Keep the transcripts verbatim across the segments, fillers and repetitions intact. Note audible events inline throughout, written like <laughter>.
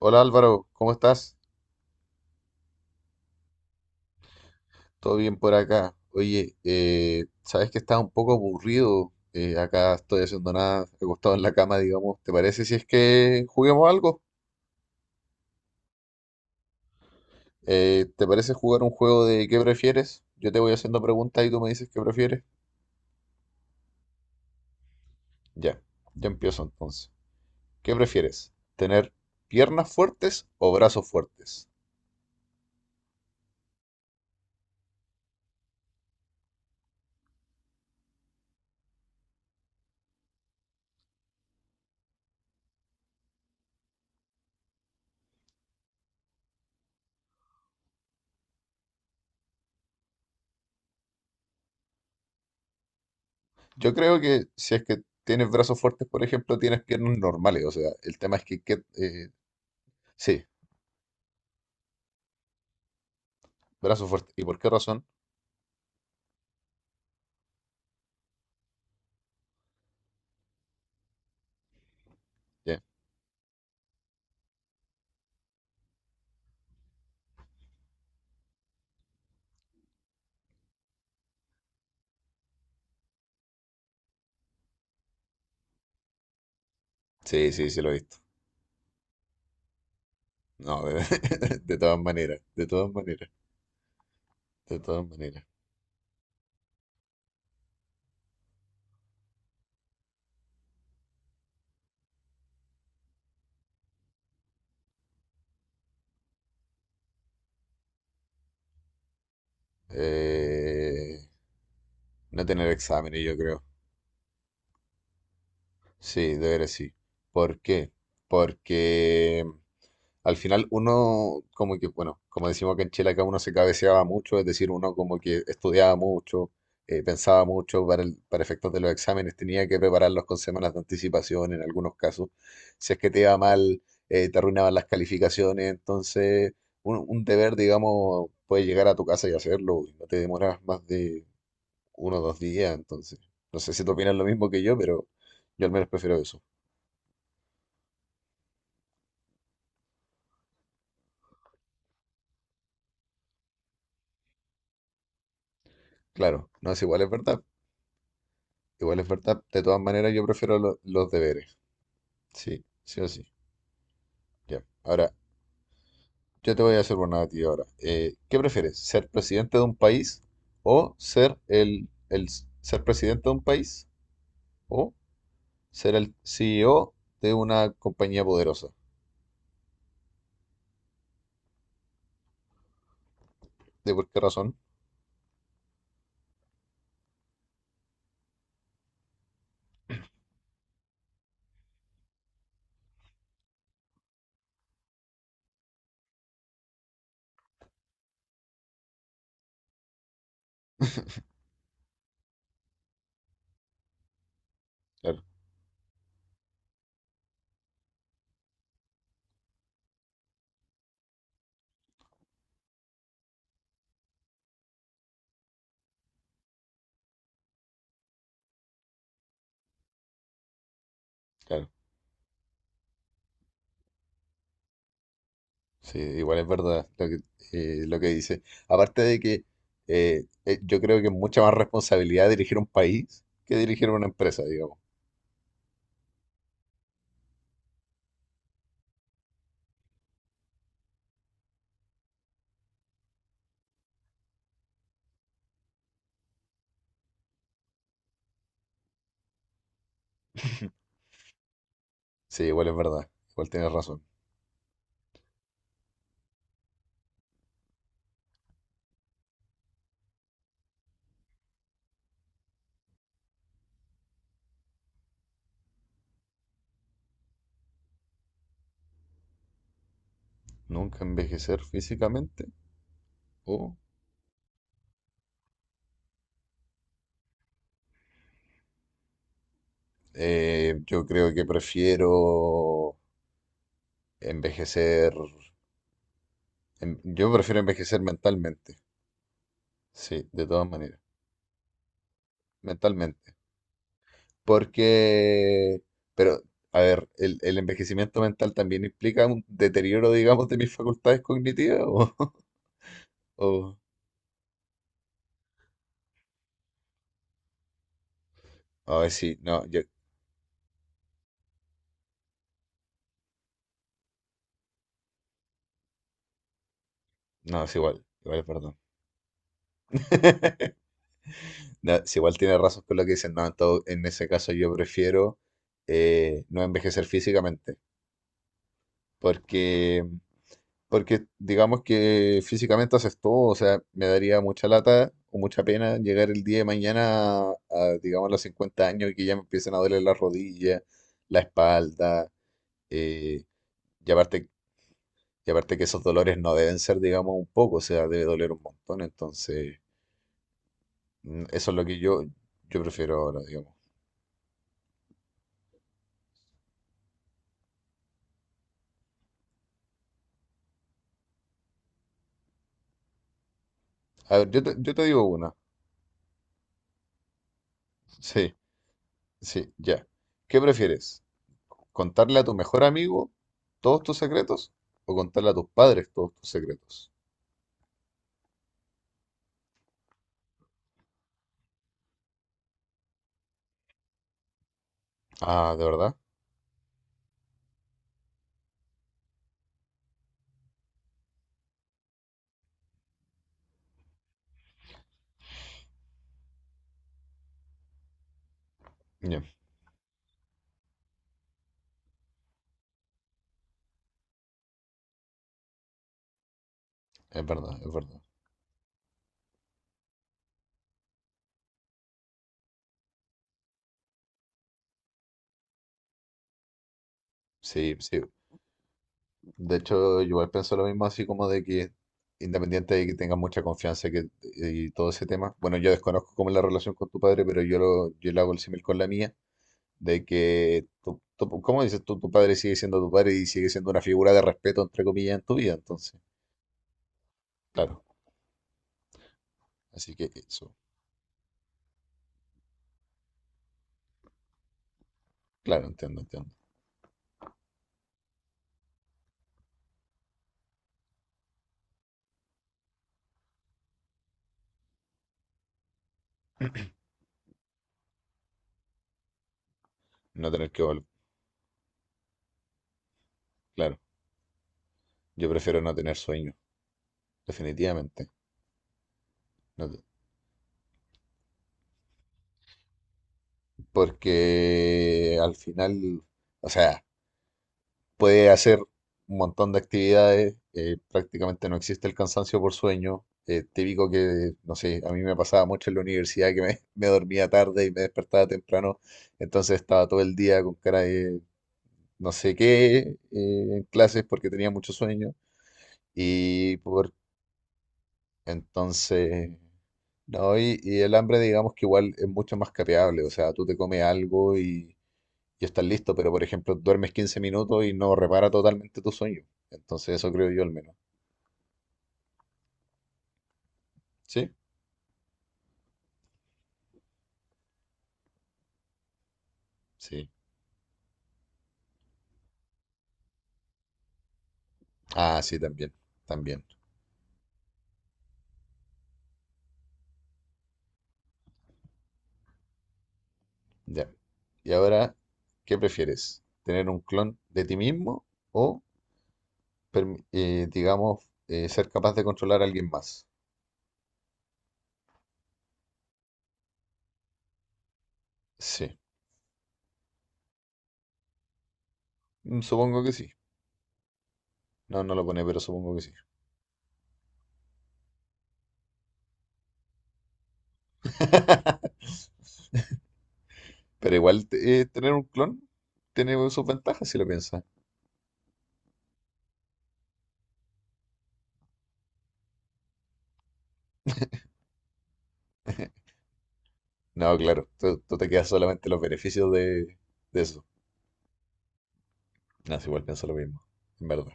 Hola Álvaro, ¿cómo estás? ¿Todo bien por acá? Oye, eh, sabes que estás un poco aburrido. Eh, acá estoy haciendo nada, acostado en la cama, digamos. ¿Te parece si es que juguemos algo? Eh, ¿te parece jugar un juego de qué prefieres? Yo te voy haciendo preguntas y tú me dices qué prefieres. Ya, ya empiezo entonces. ¿Qué prefieres? ¿Tener piernas fuertes o brazos fuertes? Yo creo que si es que tienes brazos fuertes, por ejemplo, tienes piernas normales. O sea, el tema es que, que, eh, Sí, brazos fuertes. ¿Y por qué razón? Ya. Sí, sí, sí lo he visto. No, de, <laughs> De todas maneras, de todas maneras, de todas maneras. Eh, no tener exámenes, yo creo. Sí, de sí. ¿Por qué? Porque mm, al final uno, como que, bueno, como decimos que en Chile acá uno se cabeceaba mucho, es decir, uno como que estudiaba mucho, eh, pensaba mucho para, el- para efectos de los exámenes, tenía que prepararlos con semanas de anticipación en algunos casos. Si es que te iba mal, eh, te arruinaban las calificaciones, entonces un, un deber, digamos, puedes llegar a tu casa y hacerlo, y no te demoras más de uno o dos días, entonces. No sé si tú opinas lo mismo que yo, pero yo al menos prefiero eso. Claro, no es igual, es verdad. Igual es verdad. De todas maneras, yo prefiero lo- los deberes. Sí, sí o sí. Ya. Ahora, yo te voy a hacer una a ti ahora. Eh, ¿qué prefieres? ¿Ser presidente de un país o ser el, el s- ser presidente de un país o ser el C E O de una compañía poderosa? ¿De por qué razón? Claro, claro. Sí, igual es verdad lo que, eh, lo que dice. Aparte de que eh, eh, yo creo que es mucha más responsabilidad dirigir un país que dirigir una empresa, digamos. <laughs> Sí, igual es verdad. Igual tienes razón. Nunca envejecer físicamente. O eh, yo creo que prefiero envejecer. En- yo prefiero envejecer mentalmente. Sí, de todas maneras. Mentalmente. Porque, pero, a ver, ¿el, el envejecimiento mental también implica un deterioro, digamos, de mis facultades cognitivas? O, <laughs> o- a ver, sí, no, yo, no, es igual, igual, perdón. <laughs> No, si igual tiene razón con lo que dicen, no, en todo- en ese caso yo prefiero eh, no envejecer físicamente, porque porque digamos que físicamente haces todo, o sea, me daría mucha lata o mucha pena llegar el día de mañana a, a, digamos, los cincuenta años y que ya me empiecen a doler las rodillas, la espalda, eh, y aparte, y aparte que esos dolores no deben ser, digamos, un poco, o sea, debe doler un montón, entonces mm, eso es lo que yo, yo prefiero ahora, digamos. A ver, yo te, yo te digo una, sí, sí, ya. ¿Qué prefieres? ¿Contarle a tu mejor amigo todos tus secretos o contarle a tus padres todos tus secretos? Ah, ¿de verdad? Ya, es verdad, es verdad. Sí, sí. De hecho, yo igual pienso lo mismo, así como de que independiente de que tengas mucha confianza y que, y todo ese tema, bueno, yo desconozco cómo es la relación con tu padre, pero yo lo, yo le hago el símil con la mía, de que, tu, tu- ¿cómo dices tú? Tu padre sigue siendo tu padre y sigue siendo una figura de respeto, entre comillas, en tu vida, entonces, claro. Así que eso, claro, entiendo, entiendo. No tener que volver, claro. Yo prefiero no tener sueño, definitivamente. No te- Porque al final, o sea, puede hacer un montón de actividades, eh, prácticamente no existe el cansancio por sueño. Eh, típico que, no sé, a mí me pasaba mucho en la universidad que me, <laughs> me dormía tarde y me despertaba temprano, entonces estaba todo el día con cara de no sé qué eh, en clases porque tenía mucho sueño y por entonces no, y, y el hambre, digamos que igual es mucho más capeable, o sea, tú te comes algo y, y estás listo, pero por ejemplo, duermes quince minutos y no repara totalmente tu sueño. Entonces, eso creo yo al menos. ¿Sí? Sí. Ah, sí, también, también. Ya. Y ahora, ¿qué prefieres? ¿Tener un clon de ti mismo o, permi- eh, digamos, eh, ser capaz de controlar a alguien más? Sí. Mm, supongo que sí. No, no lo pone, pero supongo que sí. <laughs> Pero igual eh, tener un clon tiene sus ventajas si lo piensas. No, claro, tú, tú te quedas solamente los beneficios de, de eso. No, sí, igual pienso lo mismo, en verdad.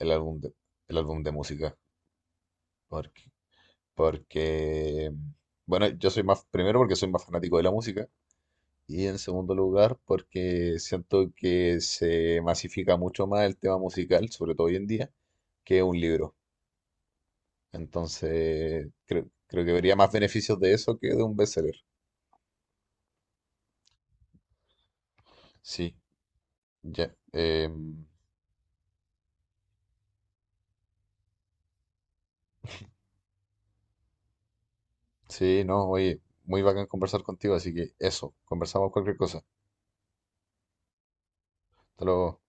El álbum de, el álbum de música. Porque, porque, bueno, yo soy más, primero porque soy más fanático de la música. Y en segundo lugar, porque siento que se masifica mucho más el tema musical, sobre todo hoy en día, que un libro. Entonces, creo, creo que vería más beneficios de eso que de un bestseller. Sí. Ya, em, sí, no, oye, muy bacán conversar contigo, así que eso, conversamos cualquier cosa. Hasta luego.